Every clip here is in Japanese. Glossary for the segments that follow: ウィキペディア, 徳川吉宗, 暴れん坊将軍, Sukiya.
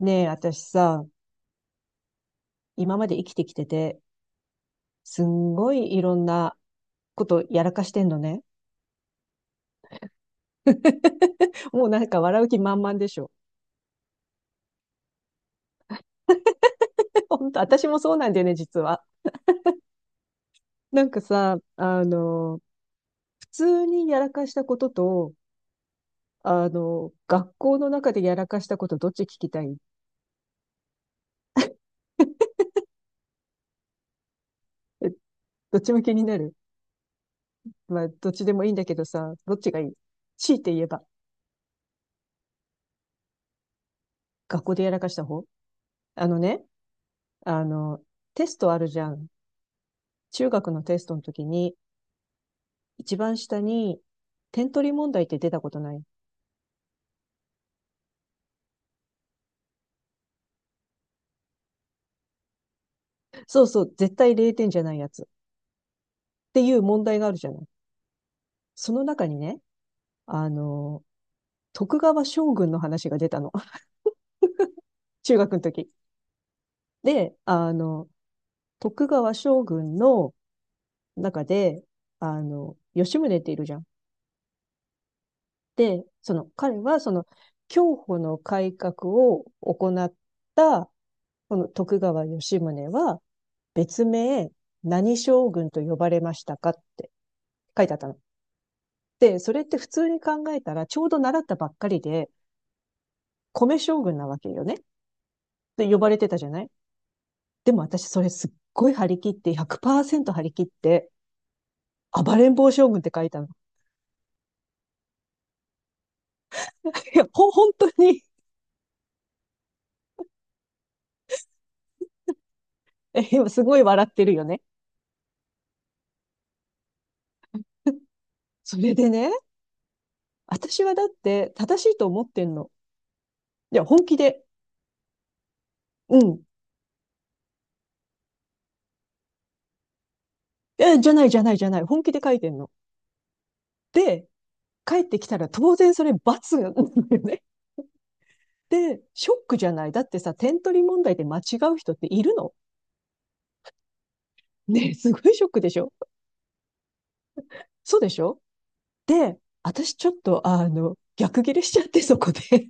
ねえ、私さ、今まで生きてきてて、すんごいいろんなことやらかしてんのね。もうなんか笑う気満々でしょ？本当、私もそうなんだよね、実は。なんかさ、普通にやらかしたことと、学校の中でやらかしたこと、どっち聞きたい？ え、どっちも気になる？まあ、どっちでもいいんだけどさ、どっちがいい？強いて言えば、学校でやらかした方。あのね、あの、テストあるじゃん。中学のテストの時に、一番下に、点取り問題って出たことない？そうそう、絶対0点じゃないやつ。っていう問題があるじゃない。その中にね、あの、徳川将軍の話が出たの。中学の時。で、徳川将軍の中で、吉宗っているじゃん。で、彼は競歩の改革を行った、この徳川吉宗は、別名、何将軍と呼ばれましたかって書いてあったの。で、それって普通に考えたら、ちょうど習ったばっかりで、米将軍なわけよね。って呼ばれてたじゃない。でも私、それすっごい張り切って、100%張り切って、暴れん坊将軍って書いたの。いや、本当に。 え、今すごい笑ってるよね。それでね、私はだって正しいと思ってんの。いや、本気で。うん。え、じゃないじゃないじゃない。本気で書いてんの。で、帰ってきたら当然それ罰が、ね。で、ショックじゃない。だってさ、点取り問題で間違う人っているの？ねえ、すごいショックでしょ？そうでしょ？で、私ちょっと、逆ギレしちゃって、そこで。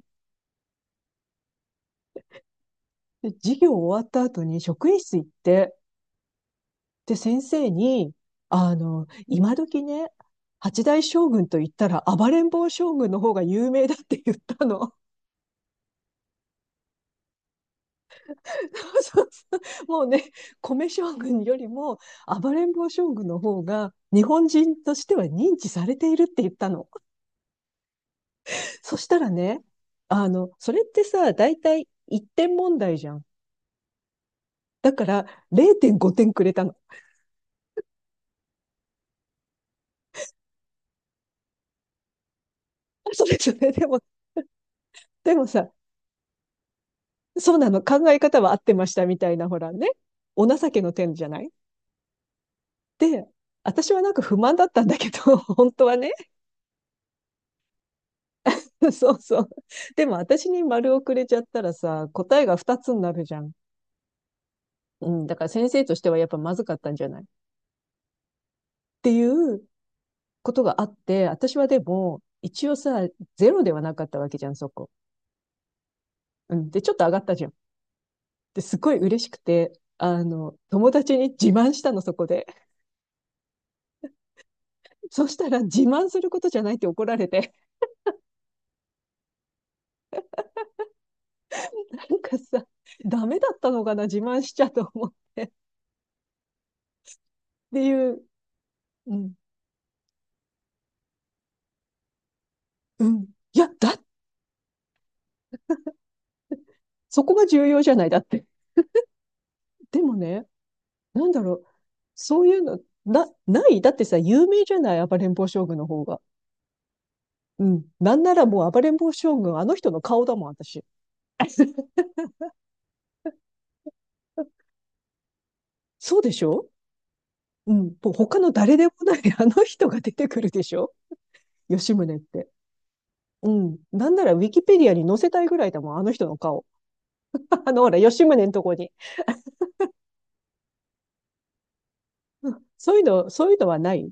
で授業終わった後に職員室行って、で、先生に、今時ね、八代将軍と言ったら暴れん坊将軍の方が有名だって言ったの。そうそうそう、もうね、米将軍よりも暴れん坊将軍の方が日本人としては認知されているって言ったの。そしたらね、それってさ、だいたい1点問題じゃん。だから0.5点くれたの。それ、それでも、でもさ、そうなの、考え方は合ってましたみたいな、ほらね、お情けの点じゃない。で、私はなんか不満だったんだけど、本当はね。そうそう。でも私に丸をくれちゃったらさ、答えが2つになるじゃん。うん、だから先生としてはやっぱまずかったんじゃないっていうことがあって、私はでも、一応さ、ゼロではなかったわけじゃん、そこ。うん。で、ちょっと上がったじゃん。で、すごい嬉しくて、友達に自慢したの、そこで。そしたら、自慢することじゃないって怒られて、なんかさ、ダメだったのかな、自慢しちゃと思う。っていう、うん、うん。いや、そこが重要じゃない、だって。でもね、なんだろう、そういうの、ない。だってさ、有名じゃない、暴れん坊将軍の方が。うん。なんならもう暴れん坊将軍、あの人の顔だもん、私。そうでしょ？うん、と他の誰でもない あの人が出てくるでしょ、吉宗って。うん。なんならウィキペディアに載せたいぐらいだもん、あの人の顔。ほら、吉宗のとこに。うん、そういうの、そういうのはない？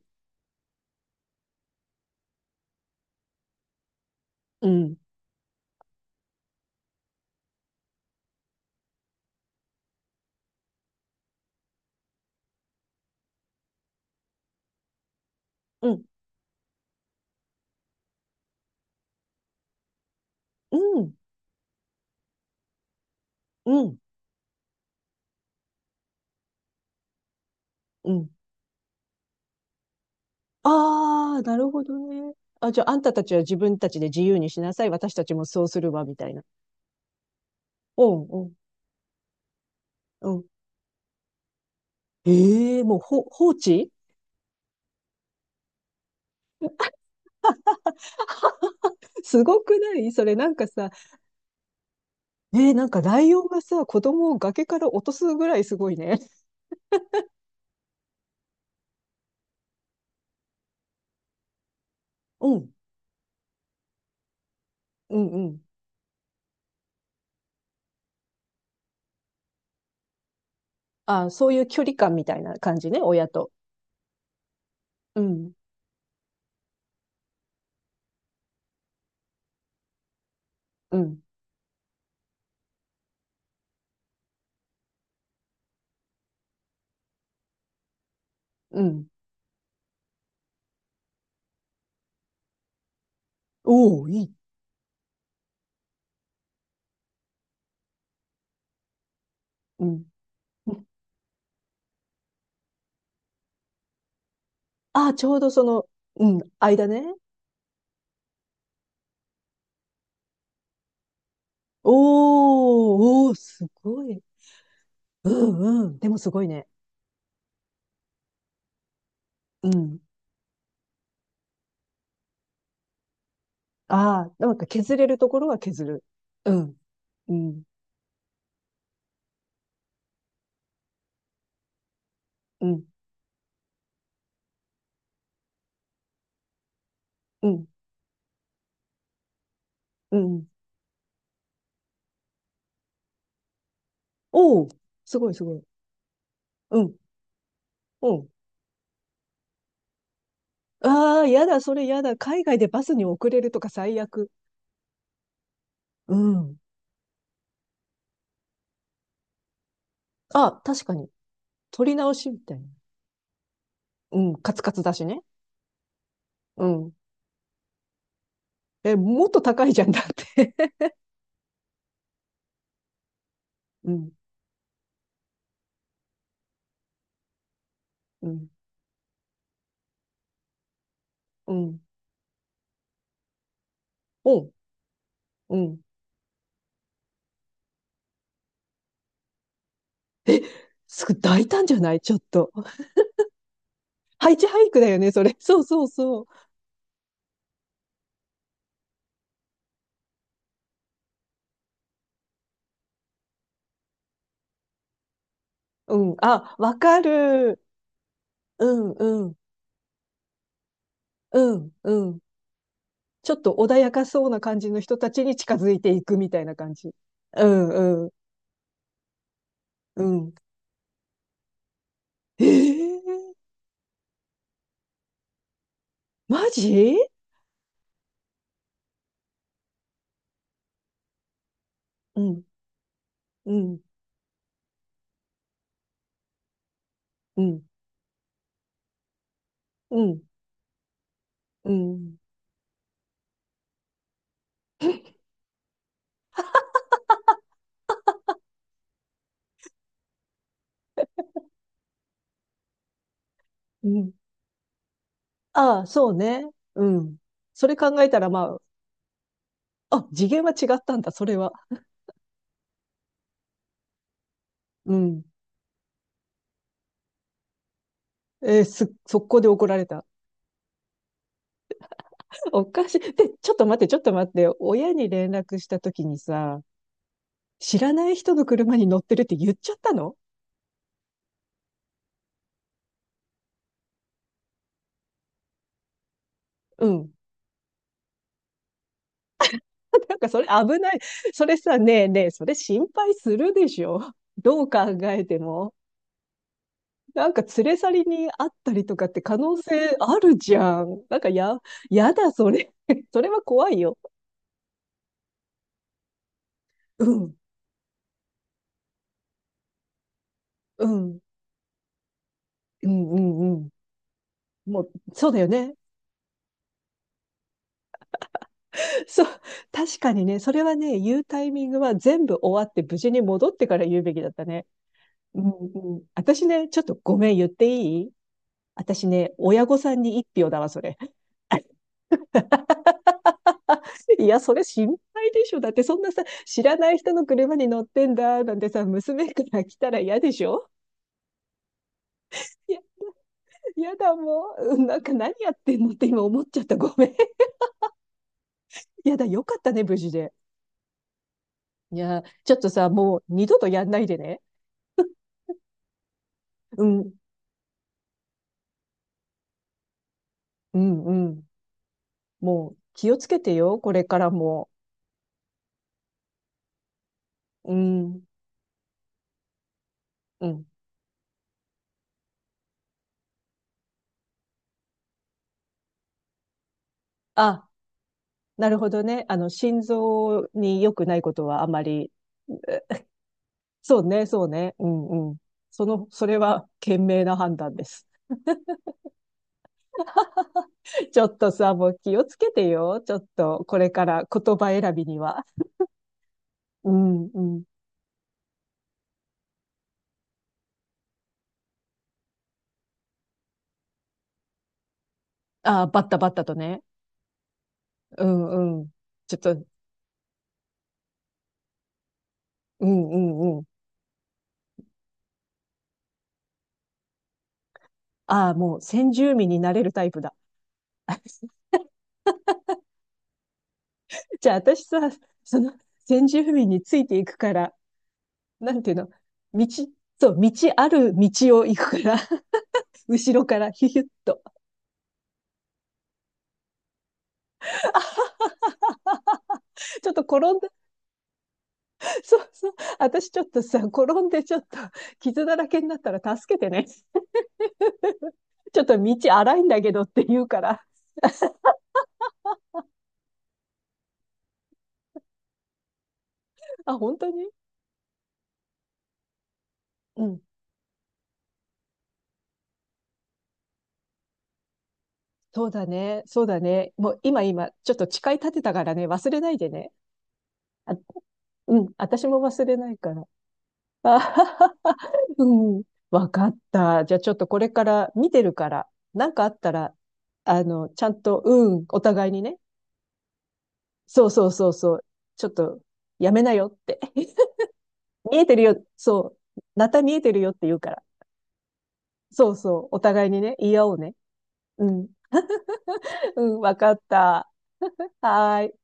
うん。うん。うん。うん。うん。ああ、なるほどね。あ、じゃあ、あんたたちは自分たちで自由にしなさい。私たちもそうするわ、みたいな。うんうん、うん。ええもう、放置。 すごくない、それ？なんかさ、なんかライオンがさ、子供を崖から落とすぐらいすごいね。うん、うん、うん。あ、そういう距離感みたいな感じね、親と。うん、うん、うん。おお、いい。うん。あ、ちょうどうん、間ね。おー、おー、すごい。うんうん。でもすごいね。うん。ああ、なんか削れるところは削る。うん、うん、うん、うん、うん。おー、すごいすごい。うん、うん。ああ、やだ、それやだ。海外でバスに遅れるとか最悪。うん。あ、確かに。取り直しみたいな。うん、カツカツだしね。うん。え、もっと高いじゃんだって。うん、うん、うん、うん、うん。え、すぐ大胆じゃないちょっと。ハイチハイクだよね、それ。そうそうそう。うん。あ、わかる。うん、うん、うん、うん。ちょっと穏やかそうな感じの人たちに近づいていくみたいな感じ。うん、うん、うん。えー、マジ？うん、うん、うん、うん、うん、うん、ああ、そうね。うん。それ考えたら、まあ、あ、次元は違ったんだ、それは。うん。えーす、速攻で怒られた。おかしい。で、ちょっと待って、ちょっと待って。親に連絡した時にさ、知らない人の車に乗ってるって言っちゃったの？うん。なんかそれ危ない。それさ、ねえねえ、それ心配するでしょ。どう考えても。なんか連れ去りにあったりとかって可能性あるじゃん。なんかやだ、それ。それは怖いよ。うん、うん。うんうんうん。もう、そうだよね。そう。確かにね、それはね、言うタイミングは全部終わって無事に戻ってから言うべきだったね。うんうん。私ね、ちょっとごめん言っていい？私ね、親御さんに一票だわ、それ。いや、それ心配でしょ。だってそんなさ、知らない人の車に乗ってんだ、なんてさ、娘から来たら嫌でしょ？いや、嫌だもう。うん、なんか何やってんのって今思っちゃった。ごめん。いやだ、よかったね、無事で。いや、ちょっとさ、もう二度とやんないでね。うん、うん、うん。もう気をつけてよ、これからも。うん、うん。あ、なるほどね。心臓に良くないことはあまり、え、そうね、そうね。うん、うん。それは 賢明な判断です。ちょっとさ、もう気をつけてよ。ちょっと、これから言葉選びには。うん、うん。ああ、バッタバッタとね。うん、うん。ちょっと、うん、うん、うん。ああ、もう先住民になれるタイプだ。じゃあ私さ、その先住民についていくから、なんていうの、道、そう、道ある道を行くから、後ろからヒュヒュッと。ちょっと転んで、そうそう、私ちょっとさ、転んでちょっと傷だらけになったら助けてね。ちょっと道荒いんだけどって言うから。あ、本当に？うん。そうだね。そうだね。もう今、ちょっと誓い立てたからね、忘れないでね。あ、うん。私も忘れないから。あはははうん。わかった。じゃあちょっとこれから見てるから、なんかあったら、ちゃんと、うん、お互いにね。そうそうそうそう。ちょっと、やめなよって。見えてるよ。そう。また見えてるよって言うから。そうそう。お互いにね、言い合おうね。うん。うん、わかった。はーい。